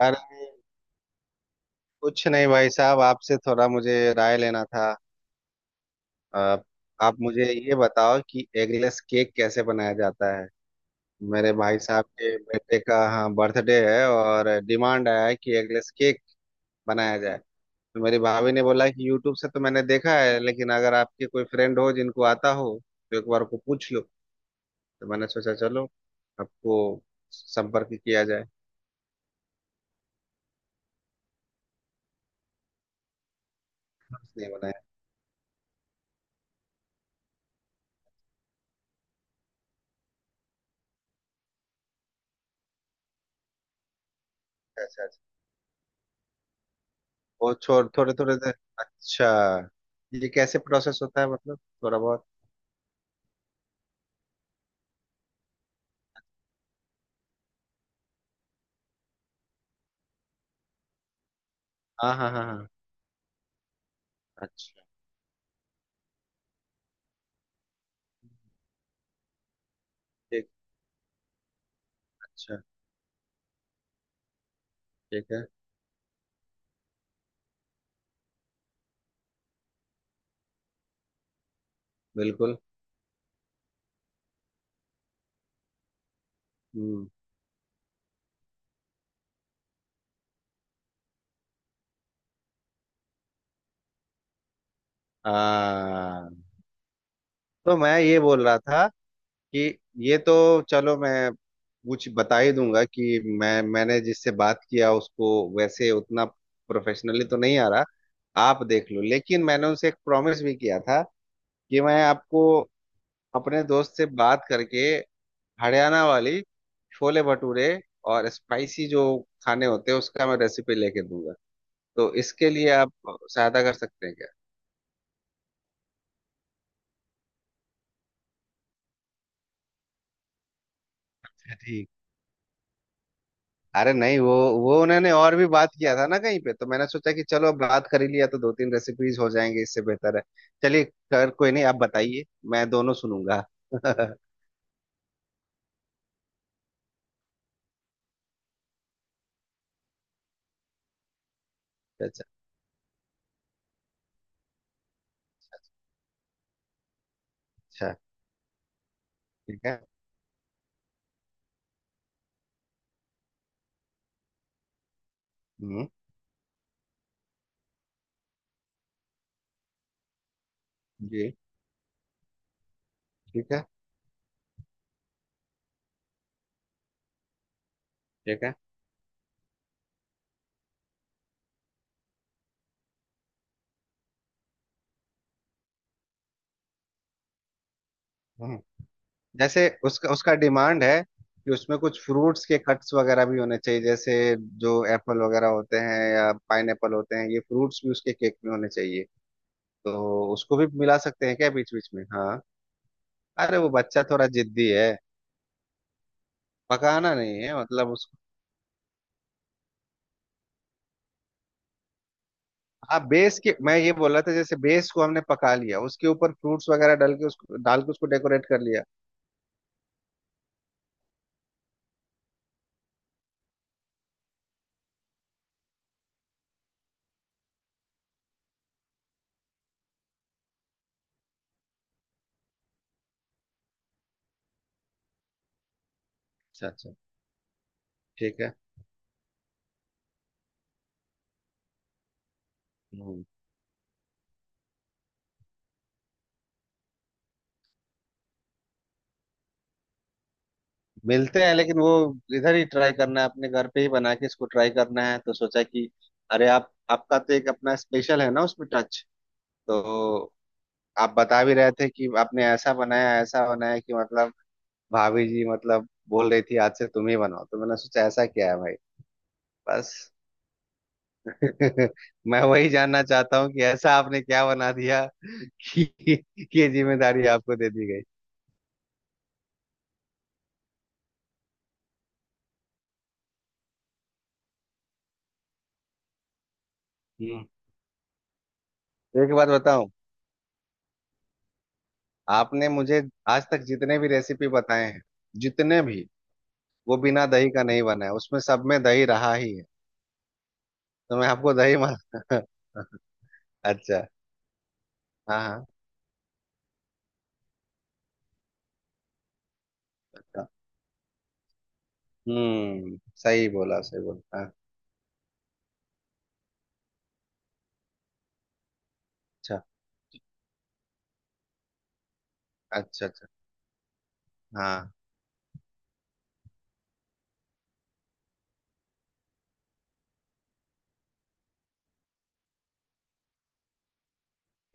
अरे कुछ नहीं भाई साहब, आपसे थोड़ा मुझे राय लेना था। आप आप मुझे ये बताओ कि एगलेस केक कैसे बनाया जाता है। मेरे भाई साहब के बेटे का, हाँ, बर्थडे है और डिमांड आया है कि एगलेस केक बनाया जाए। तो मेरी भाभी ने बोला कि यूट्यूब से तो मैंने देखा है, लेकिन अगर आपके कोई फ्रेंड हो जिनको आता हो तो एक बार को पूछ लो। तो मैंने सोचा चलो आपको संपर्क किया जाए। नहीं बनाया। अच्छा अच्छा। वो छोड़, थोड़े थोड़े देर। अच्छा, ये कैसे प्रोसेस होता है, मतलब थोड़ा बहुत। हाँ हाँ हाँ हाँ। अच्छा। ठीक। अच्छा। ठीक है। बिल्कुल। हम्म। हाँ, तो मैं ये बोल रहा था कि ये तो चलो, मैं कुछ बता ही दूंगा कि मैंने जिससे बात किया उसको वैसे उतना प्रोफेशनली तो नहीं आ रहा, आप देख लो। लेकिन मैंने उनसे एक प्रॉमिस भी किया था कि मैं आपको अपने दोस्त से बात करके हरियाणा वाली छोले भटूरे और स्पाइसी जो खाने होते हैं उसका मैं रेसिपी लेके दूंगा। तो इसके लिए आप सहायता कर सकते हैं क्या? अच्छा, ठीक। अरे नहीं, वो उन्होंने और भी बात किया था ना कहीं पे, तो मैंने सोचा कि चलो अब बात कर ही लिया तो दो तीन रेसिपीज हो जाएंगे, इससे बेहतर है। चलिए, कर कोई नहीं, आप बताइए, मैं दोनों सुनूंगा। अच्छा। अच्छा। ठीक है। हम्म। जी। ठीक है। ठीक है। हम्म, जैसे उसका उसका डिमांड है कि उसमें कुछ फ्रूट्स के कट्स वगैरह भी होने चाहिए। जैसे जो एप्पल वगैरह होते हैं या पाइनएप्पल होते हैं, ये फ्रूट्स भी उसके केक में होने चाहिए। तो उसको भी मिला सकते हैं क्या बीच बीच में, हाँ? अरे वो बच्चा थोड़ा जिद्दी है। पकाना नहीं है मतलब उसको। हाँ, बेस के, मैं ये बोल रहा था, जैसे बेस को हमने पका लिया, उसके ऊपर फ्रूट्स वगैरह डाल के, उसको डाल के उसको डेकोरेट कर लिया। अच्छा अच्छा। ठीक है। हम्म। मिलते हैं, लेकिन वो इधर ही ट्राई करना है, अपने घर पे ही बना के इसको ट्राई करना है। तो सोचा कि अरे आप, आपका तो एक अपना स्पेशल है ना उसमें टच। तो आप बता भी रहे थे कि आपने ऐसा बनाया, ऐसा बनाया कि, मतलब भाभी जी मतलब बोल रही थी आज से तुम ही बनाओ, तो मैंने सोचा ऐसा क्या है भाई। बस। मैं वही जानना चाहता हूँ कि ऐसा आपने क्या बना दिया कि ये जिम्मेदारी आपको दे दी गई। हम्म। एक बात बताऊं, आपने मुझे आज तक जितने भी रेसिपी बताए हैं, जितने भी, वो बिना दही का नहीं बना है, उसमें सब में दही रहा ही है। तो मैं आपको दही मान अच्छा। हाँ हाँ। अच्छा। हम्म, सही बोला, सही बोला, हाँ। अच्छा अच्छा अच्छा। हाँ,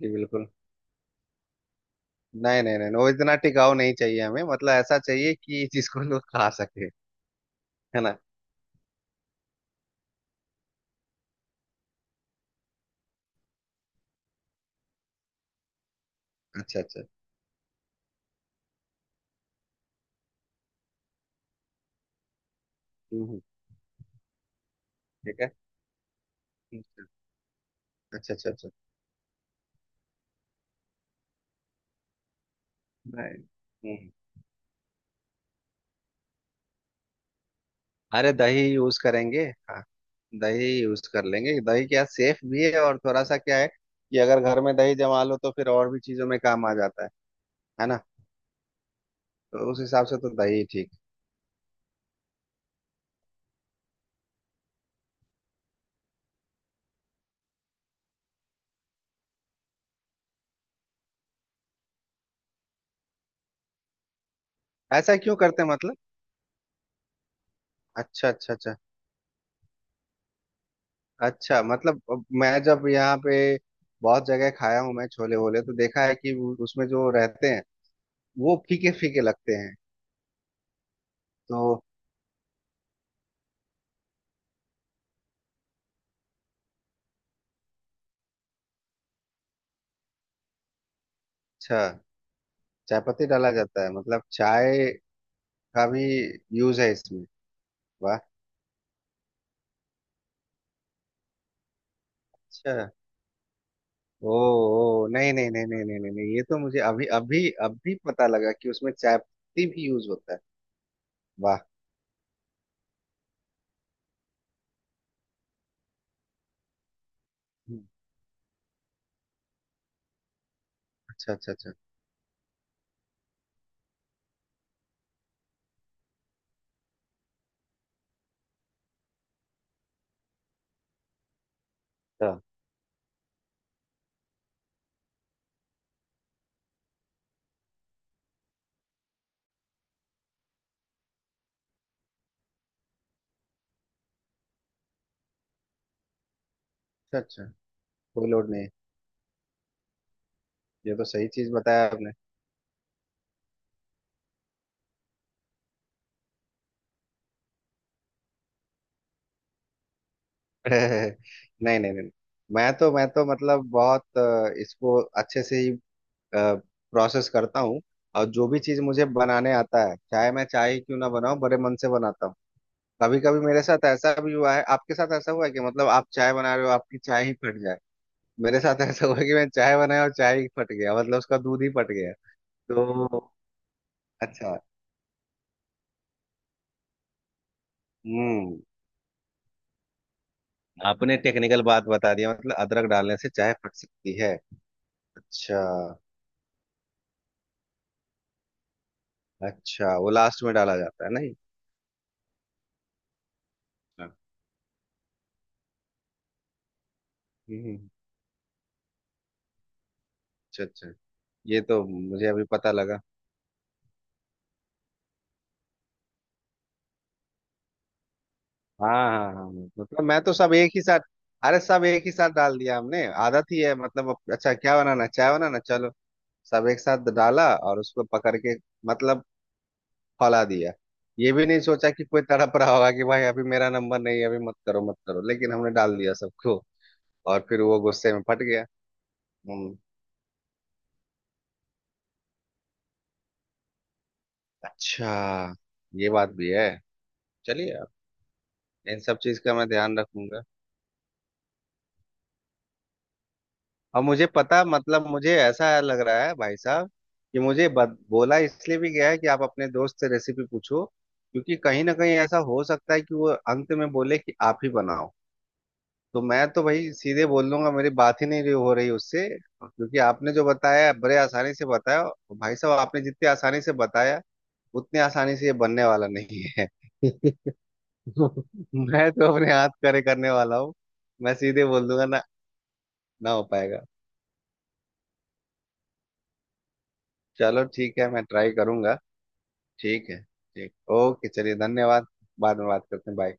जी बिल्कुल। नहीं नहीं नहीं, वो इतना टिकाऊ नहीं चाहिए हमें, मतलब ऐसा चाहिए कि जिसको लोग खा सके। है ना? अच्छा अच्छा। हम्म, हम्म। ठीक है। अच्छा अच्छा अच्छा अच्छा। नहीं। हम्म। अरे दही यूज करेंगे। हाँ, दही यूज कर लेंगे। दही क्या, सेफ भी है, और थोड़ा सा क्या है कि अगर घर में दही जमा लो तो फिर और भी चीजों में काम आ जाता है। है ना? तो उस हिसाब से तो दही ठीक है। ऐसा क्यों करते हैं मतलब? अच्छा अच्छा अच्छा। अच्छा, मतलब अब मैं जब यहाँ पे बहुत जगह खाया हूँ मैं छोले वोले, तो देखा है कि वो- उसमें जो रहते हैं वो फीके फीके लगते हैं। तो अच्छा, चाय पत्ती डाला जाता है? मतलब चाय का भी यूज है इसमें? वाह। अच्छा। ओ ओ नहीं नहीं नहीं नहीं नहीं नहीं नहीं, ये तो मुझे अभी अभी अभी पता लगा कि उसमें चाय भी यूज होता है। वाह। हम्म। अच्छा अच्छा अच्छा अच्छा। अच्छा अच्छा, कोई लोड नहीं। ये तो सही चीज बताया आपने। नहीं नहीं नहीं, मैं तो, मैं तो मतलब बहुत इसको अच्छे से ही प्रोसेस करता हूँ। और जो भी चीज मुझे बनाने आता है, चाहे मैं चाय ही क्यों ना बनाऊं, बड़े मन से बनाता हूँ। कभी कभी मेरे साथ ऐसा भी हुआ है, आपके साथ ऐसा हुआ है कि मतलब आप चाय बना रहे हो, आपकी चाय ही फट जाए? मेरे साथ ऐसा हुआ कि मैं चाय बनाया और चाय ही फट गया, मतलब उसका दूध ही फट गया। तो अच्छा। हम्म। आपने टेक्निकल बात बता दिया, मतलब अदरक डालने से चाय फट सकती है। अच्छा। अच्छा, वो लास्ट में डाला जाता है, नहीं? अच्छा। हम्म। अच्छा अच्छा। ये तो मुझे अभी पता लगा। हाँ हाँ हाँ, मतलब मैं तो सब एक ही साथ। अरे सब एक ही साथ डाल दिया हमने, आदत ही है मतलब। अब- अच्छा, क्या बनाना? चाय बनाना, चलो। सब एक साथ डाला और उसको पकड़ के मतलब फैला दिया। ये भी नहीं सोचा कि कोई तड़प रहा होगा कि भाई अभी मेरा नंबर नहीं है, अभी मत करो, मत करो, लेकिन हमने डाल दिया सबको। और फिर वो गुस्से में फट गया। हम्म। अच्छा, ये बात भी है। चलिए, अब इन सब चीज का मैं ध्यान रखूंगा। और मुझे पता, मतलब मुझे ऐसा लग रहा है भाई साहब कि मुझे बोला इसलिए भी गया है कि आप अपने दोस्त से रेसिपी पूछो, क्योंकि कहीं ना कहीं ऐसा हो सकता है कि वो अंत में बोले कि आप ही बनाओ। तो मैं तो भाई सीधे बोल लूंगा मेरी बात ही नहीं रही- हो रही उससे, क्योंकि आपने जो बताया बड़े आसानी से बताया। और भाई साहब, आपने जितनी आसानी से बताया उतनी आसानी से ये बनने वाला नहीं है। मैं तो अपने हाथ खड़े करने वाला हूँ। मैं सीधे बोल दूंगा ना, ना हो पाएगा। चलो ठीक है, मैं ट्राई करूंगा। ठीक है। ठीक। ओके, चलिए, धन्यवाद। बाद में बात करते हैं, बाय।